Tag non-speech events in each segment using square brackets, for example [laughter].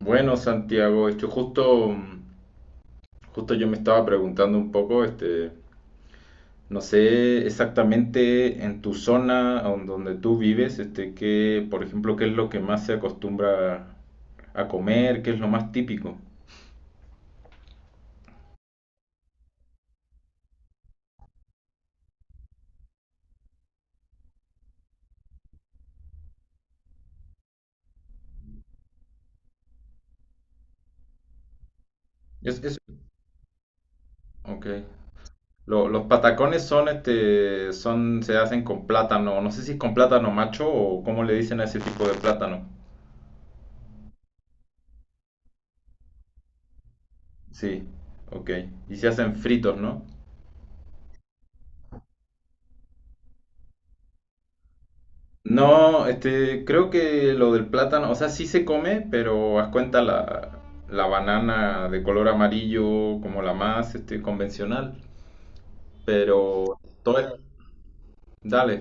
Bueno, Santiago, justo, yo me estaba preguntando un poco, no sé exactamente en tu zona donde tú vives, qué, por ejemplo, qué es lo que más se acostumbra a comer, qué es lo más típico. Es, es, ok. Los patacones son, se hacen con plátano, no sé si es con plátano macho o cómo le dicen a ese tipo de plátano. Sí, ok. Y se hacen fritos, ¿no? No, creo que lo del plátano, o sea, sí se come, pero haz cuenta la banana de color amarillo, como la más, convencional. Pero dale,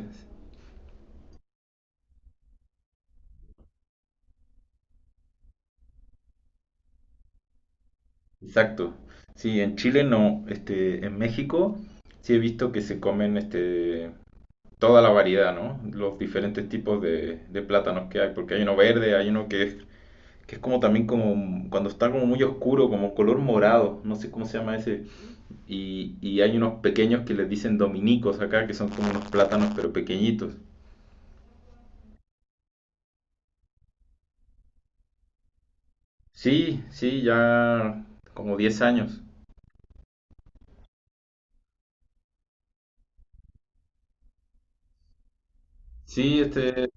exacto. Sí, en Chile no, en México sí he visto que se comen, toda la variedad, ¿no? Los diferentes tipos de plátanos que hay, porque hay uno verde, hay uno que es como también como, cuando está como muy oscuro, como color morado, no sé cómo se llama ese. Y hay unos pequeños que les dicen dominicos acá, que son como unos plátanos pero pequeñitos. Sí, sí, ya como 10 años. Sí,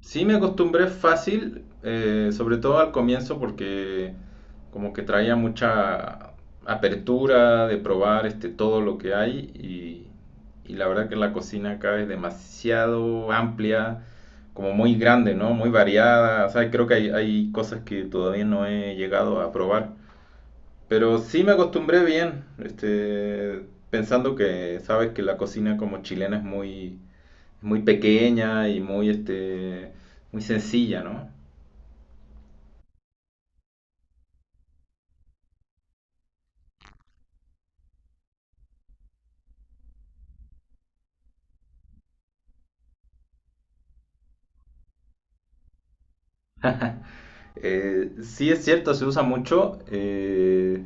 sí me acostumbré fácil, sobre todo al comienzo porque como que traía mucha apertura de probar todo lo que hay y la verdad que la cocina acá es demasiado amplia, como muy grande, ¿no? Muy variada, o sea, creo que hay cosas que todavía no he llegado a probar. Pero sí me acostumbré bien, pensando que sabes que la cocina como chilena es muy, muy pequeña y muy sencilla, ¿no? Sí es cierto, se usa mucho,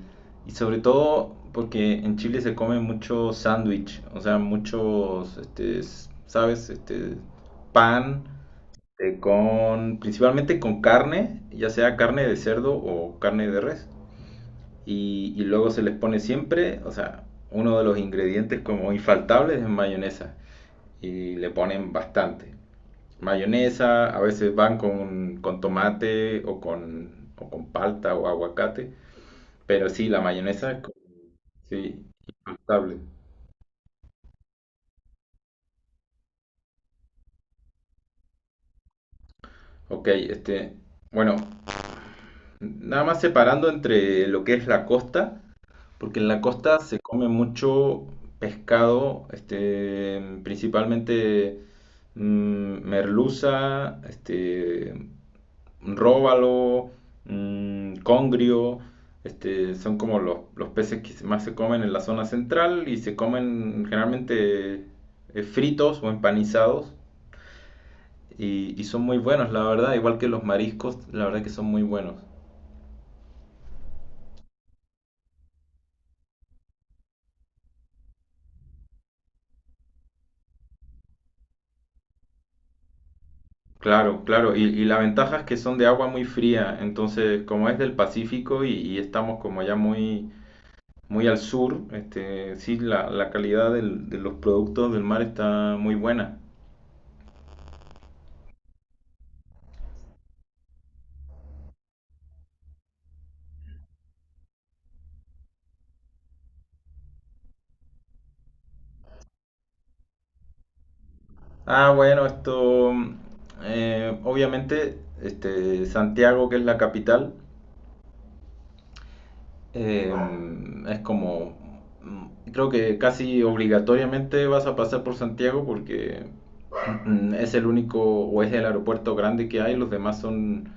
y sobre todo porque en Chile se come mucho sándwich, o sea, muchos, ¿sabes? Pan principalmente con carne, ya sea carne de cerdo o carne de res. Y luego se les pone siempre, o sea, uno de los ingredientes como infaltables es mayonesa. Y le ponen bastante. Mayonesa, a veces van con tomate o con palta o aguacate. Pero sí, la mayonesa sí, infaltable. Ok, bueno, nada más separando entre lo que es la costa, porque en la costa se come mucho pescado, principalmente, merluza, róbalo, congrio, son como los peces que más se comen en la zona central y se comen generalmente fritos o empanizados, y son muy buenos, la verdad, igual que los mariscos, la verdad que son muy buenos. Claro, claro. Y la ventaja es que son de agua muy fría. Entonces, como es del Pacífico y estamos como ya muy, muy al sur, sí, la calidad de los productos del mar está muy buena. Ah, bueno, obviamente, Santiago, que es la capital, eh, es como, creo que casi obligatoriamente vas a pasar por Santiago porque, es el único o es el aeropuerto grande que hay, los demás son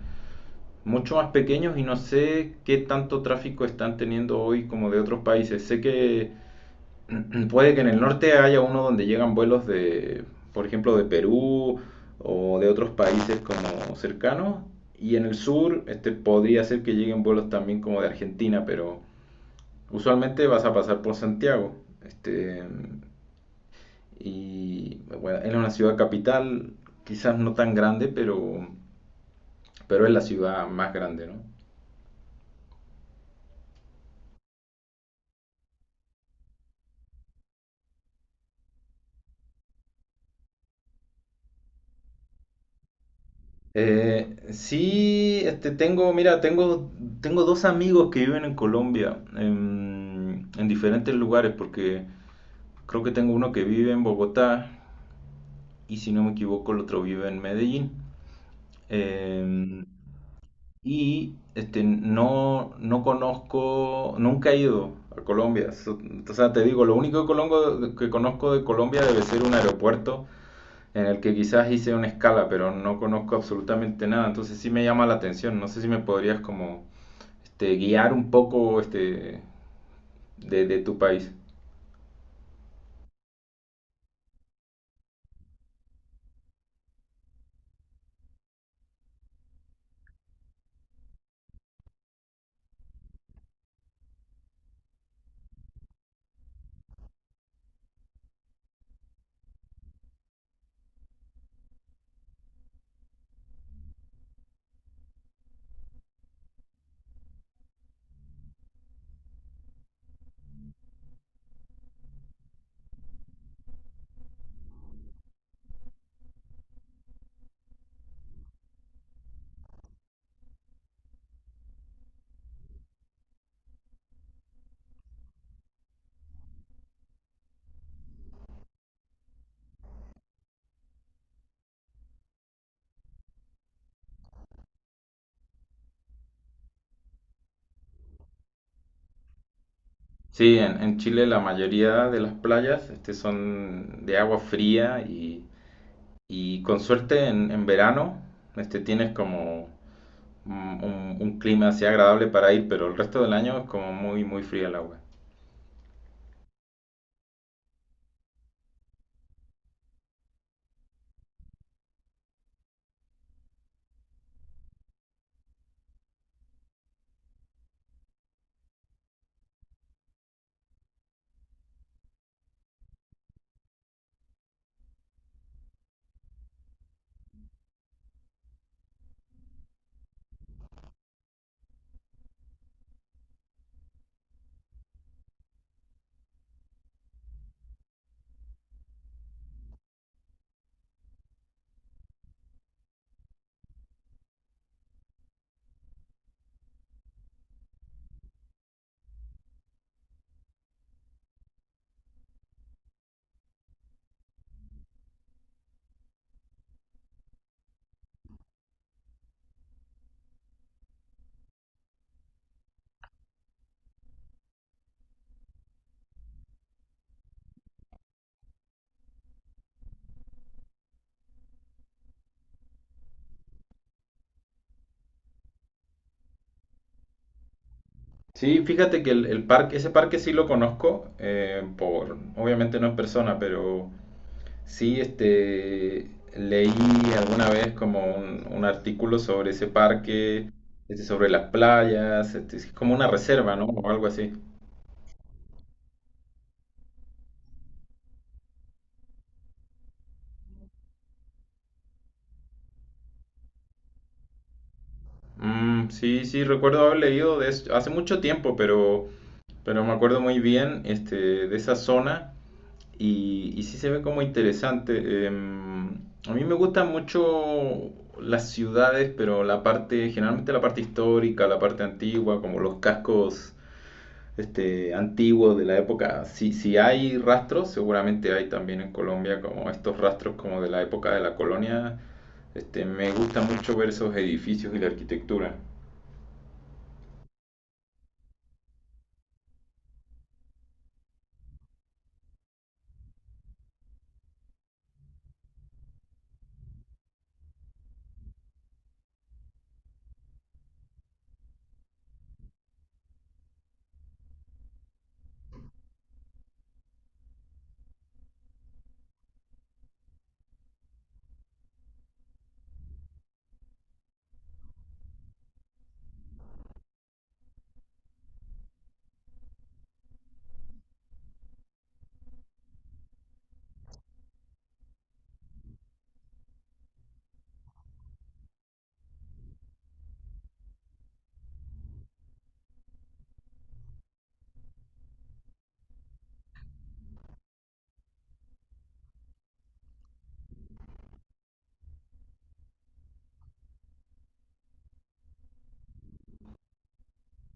mucho más pequeños y no sé qué tanto tráfico están teniendo hoy como de otros países. Sé que [clears throat] puede que en el norte haya uno donde llegan vuelos de, por ejemplo, de Perú o de otros países como cercanos, y en el sur, podría ser que lleguen vuelos también como de Argentina, pero usualmente vas a pasar por Santiago. Este, y bueno, es una ciudad capital, quizás no tan grande, pero es la ciudad más grande, ¿no? Sí, tengo, mira, tengo dos amigos que viven en Colombia, en diferentes lugares, porque creo que tengo uno que vive en Bogotá y si no me equivoco el otro vive en Medellín. Eh, y no, no conozco, nunca he ido a Colombia. O sea, te digo, lo único que, que conozco de Colombia debe ser un aeropuerto en el que quizás hice una escala, pero no conozco absolutamente nada, entonces sí me llama la atención, no sé si me podrías como, guiar un poco, de tu país. Sí, en Chile la mayoría de las playas, son de agua fría, y con suerte en verano, tienes como un clima así agradable para ir, pero el resto del año es como muy, muy fría el agua. Sí, fíjate que el parque, ese parque sí lo conozco, obviamente no en persona, pero sí, leí alguna vez como un artículo sobre ese parque, sobre las playas, es como una reserva, ¿no? O algo así. Mm, sí, sí, recuerdo haber leído de eso hace mucho tiempo, pero me acuerdo muy bien, de esa zona, y sí se ve como interesante. A mí me gustan mucho las ciudades, pero la parte, generalmente la parte histórica, la parte antigua, como los cascos, antiguos de la época, si hay rastros, seguramente hay también en Colombia como estos rastros como de la época de la colonia. Me gusta mucho ver esos edificios y la arquitectura.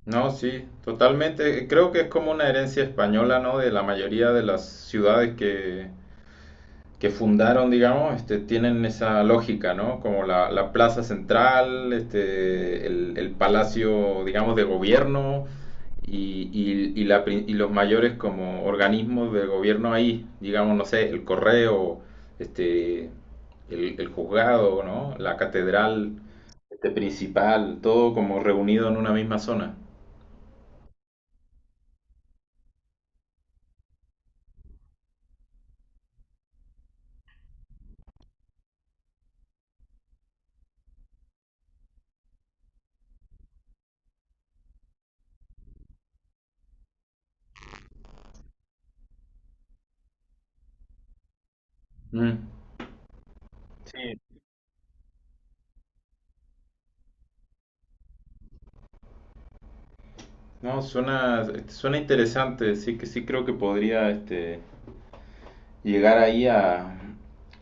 No, sí, totalmente, creo que es como una herencia española, ¿no? De la mayoría de las ciudades que fundaron, digamos, tienen esa lógica, ¿no? Como la plaza central, el palacio, digamos, de gobierno, y los mayores como organismos de gobierno ahí, digamos, no sé, el correo, este, el juzgado, ¿no? La catedral, principal, todo como reunido en una misma zona. Mm. Sí, no, suena interesante, sí que sí creo que podría, llegar ahí a,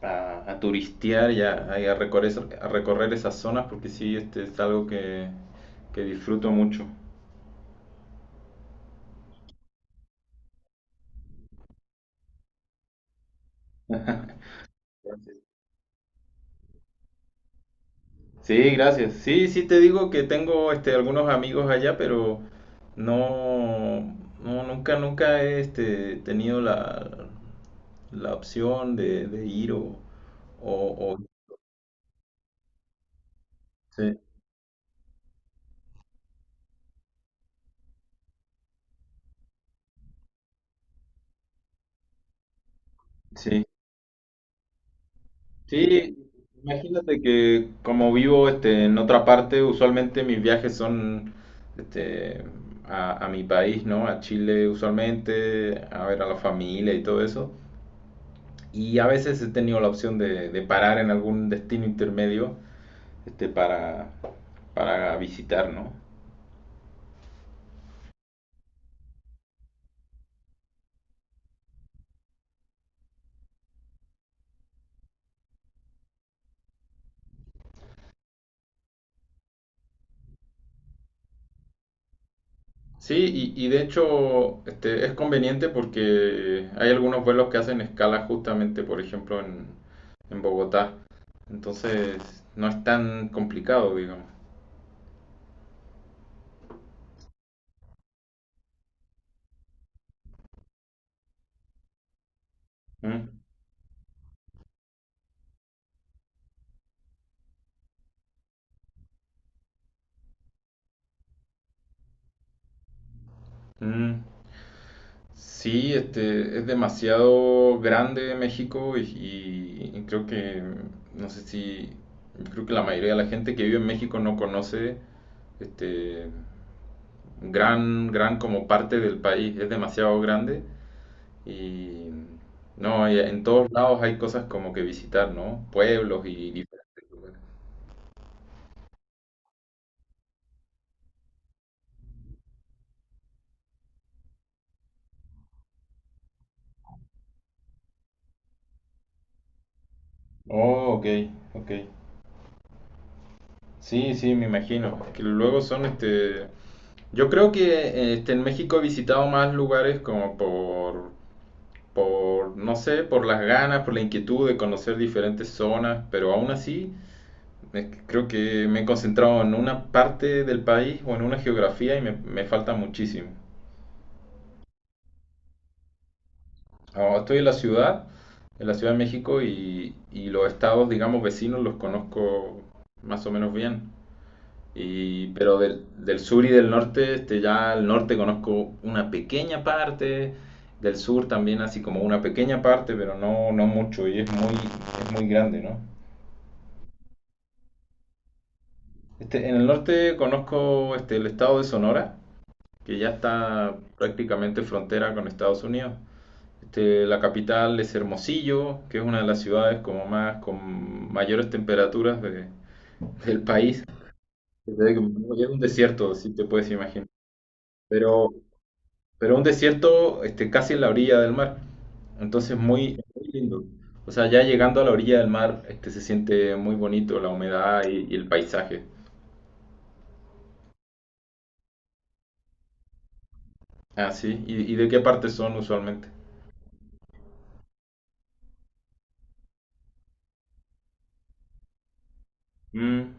a, a turistear y a recorrer, a recorrer, esas zonas porque sí, este es algo que disfruto mucho. Sí, gracias. Sí, sí te digo que tengo algunos amigos allá, pero no, no nunca he, tenido la opción de ir. O, o- Sí, sí. Sí, imagínate que como vivo, en otra parte, usualmente mis viajes son, este, a mi país, ¿no? A Chile usualmente, a ver a la familia y todo eso. Y a veces he tenido la opción de parar en algún destino intermedio, este, para, para visitar, ¿no? Sí, y de hecho, es conveniente porque hay algunos vuelos que hacen escala justamente, por ejemplo, en Bogotá. Entonces, no es tan complicado, digamos. Mm, mm. Sí, es demasiado grande México, y creo que, no sé si, creo que la mayoría de la gente que vive en México no conoce este gran como parte del país. Es demasiado grande. Y no, y en todos lados hay cosas como que visitar, ¿no? Pueblos y diferentes lugares. Oh, ok, ok. Sí, sí, me imagino. Que luego son. Yo creo que, en México he visitado más lugares como no sé, por las ganas, por la inquietud de conocer diferentes zonas, pero aún así creo que me he concentrado en una parte del país o en una geografía, y me falta muchísimo. Ahora estoy en la Ciudad de México, y los estados, digamos, vecinos los conozco más o menos bien. Pero del sur y del norte, ya al norte conozco una pequeña parte, del sur también así como una pequeña parte, pero no, no mucho y es muy grande, ¿no? En el norte conozco, el estado de Sonora, que ya está prácticamente frontera con Estados Unidos. La capital es Hermosillo, que es una de las ciudades como más con mayores temperaturas del país. Es un desierto, si te puedes imaginar. Pero, pero un desierto, casi en la orilla del mar. Entonces muy, muy lindo. O sea, ya llegando a la orilla del mar, se siente muy bonito la humedad, y el paisaje. Ah, sí. ¿Y de qué parte son usualmente? Mm,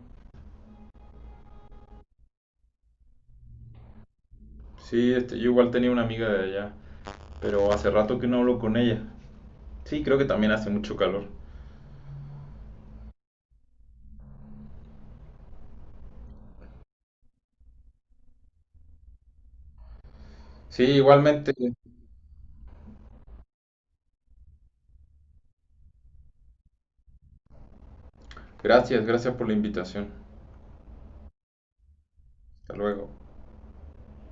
sí, yo igual tenía una amiga de allá, pero hace rato que no hablo con ella. Sí, creo que también hace mucho calor. Sí, igualmente. Gracias, gracias por la invitación. Hasta luego.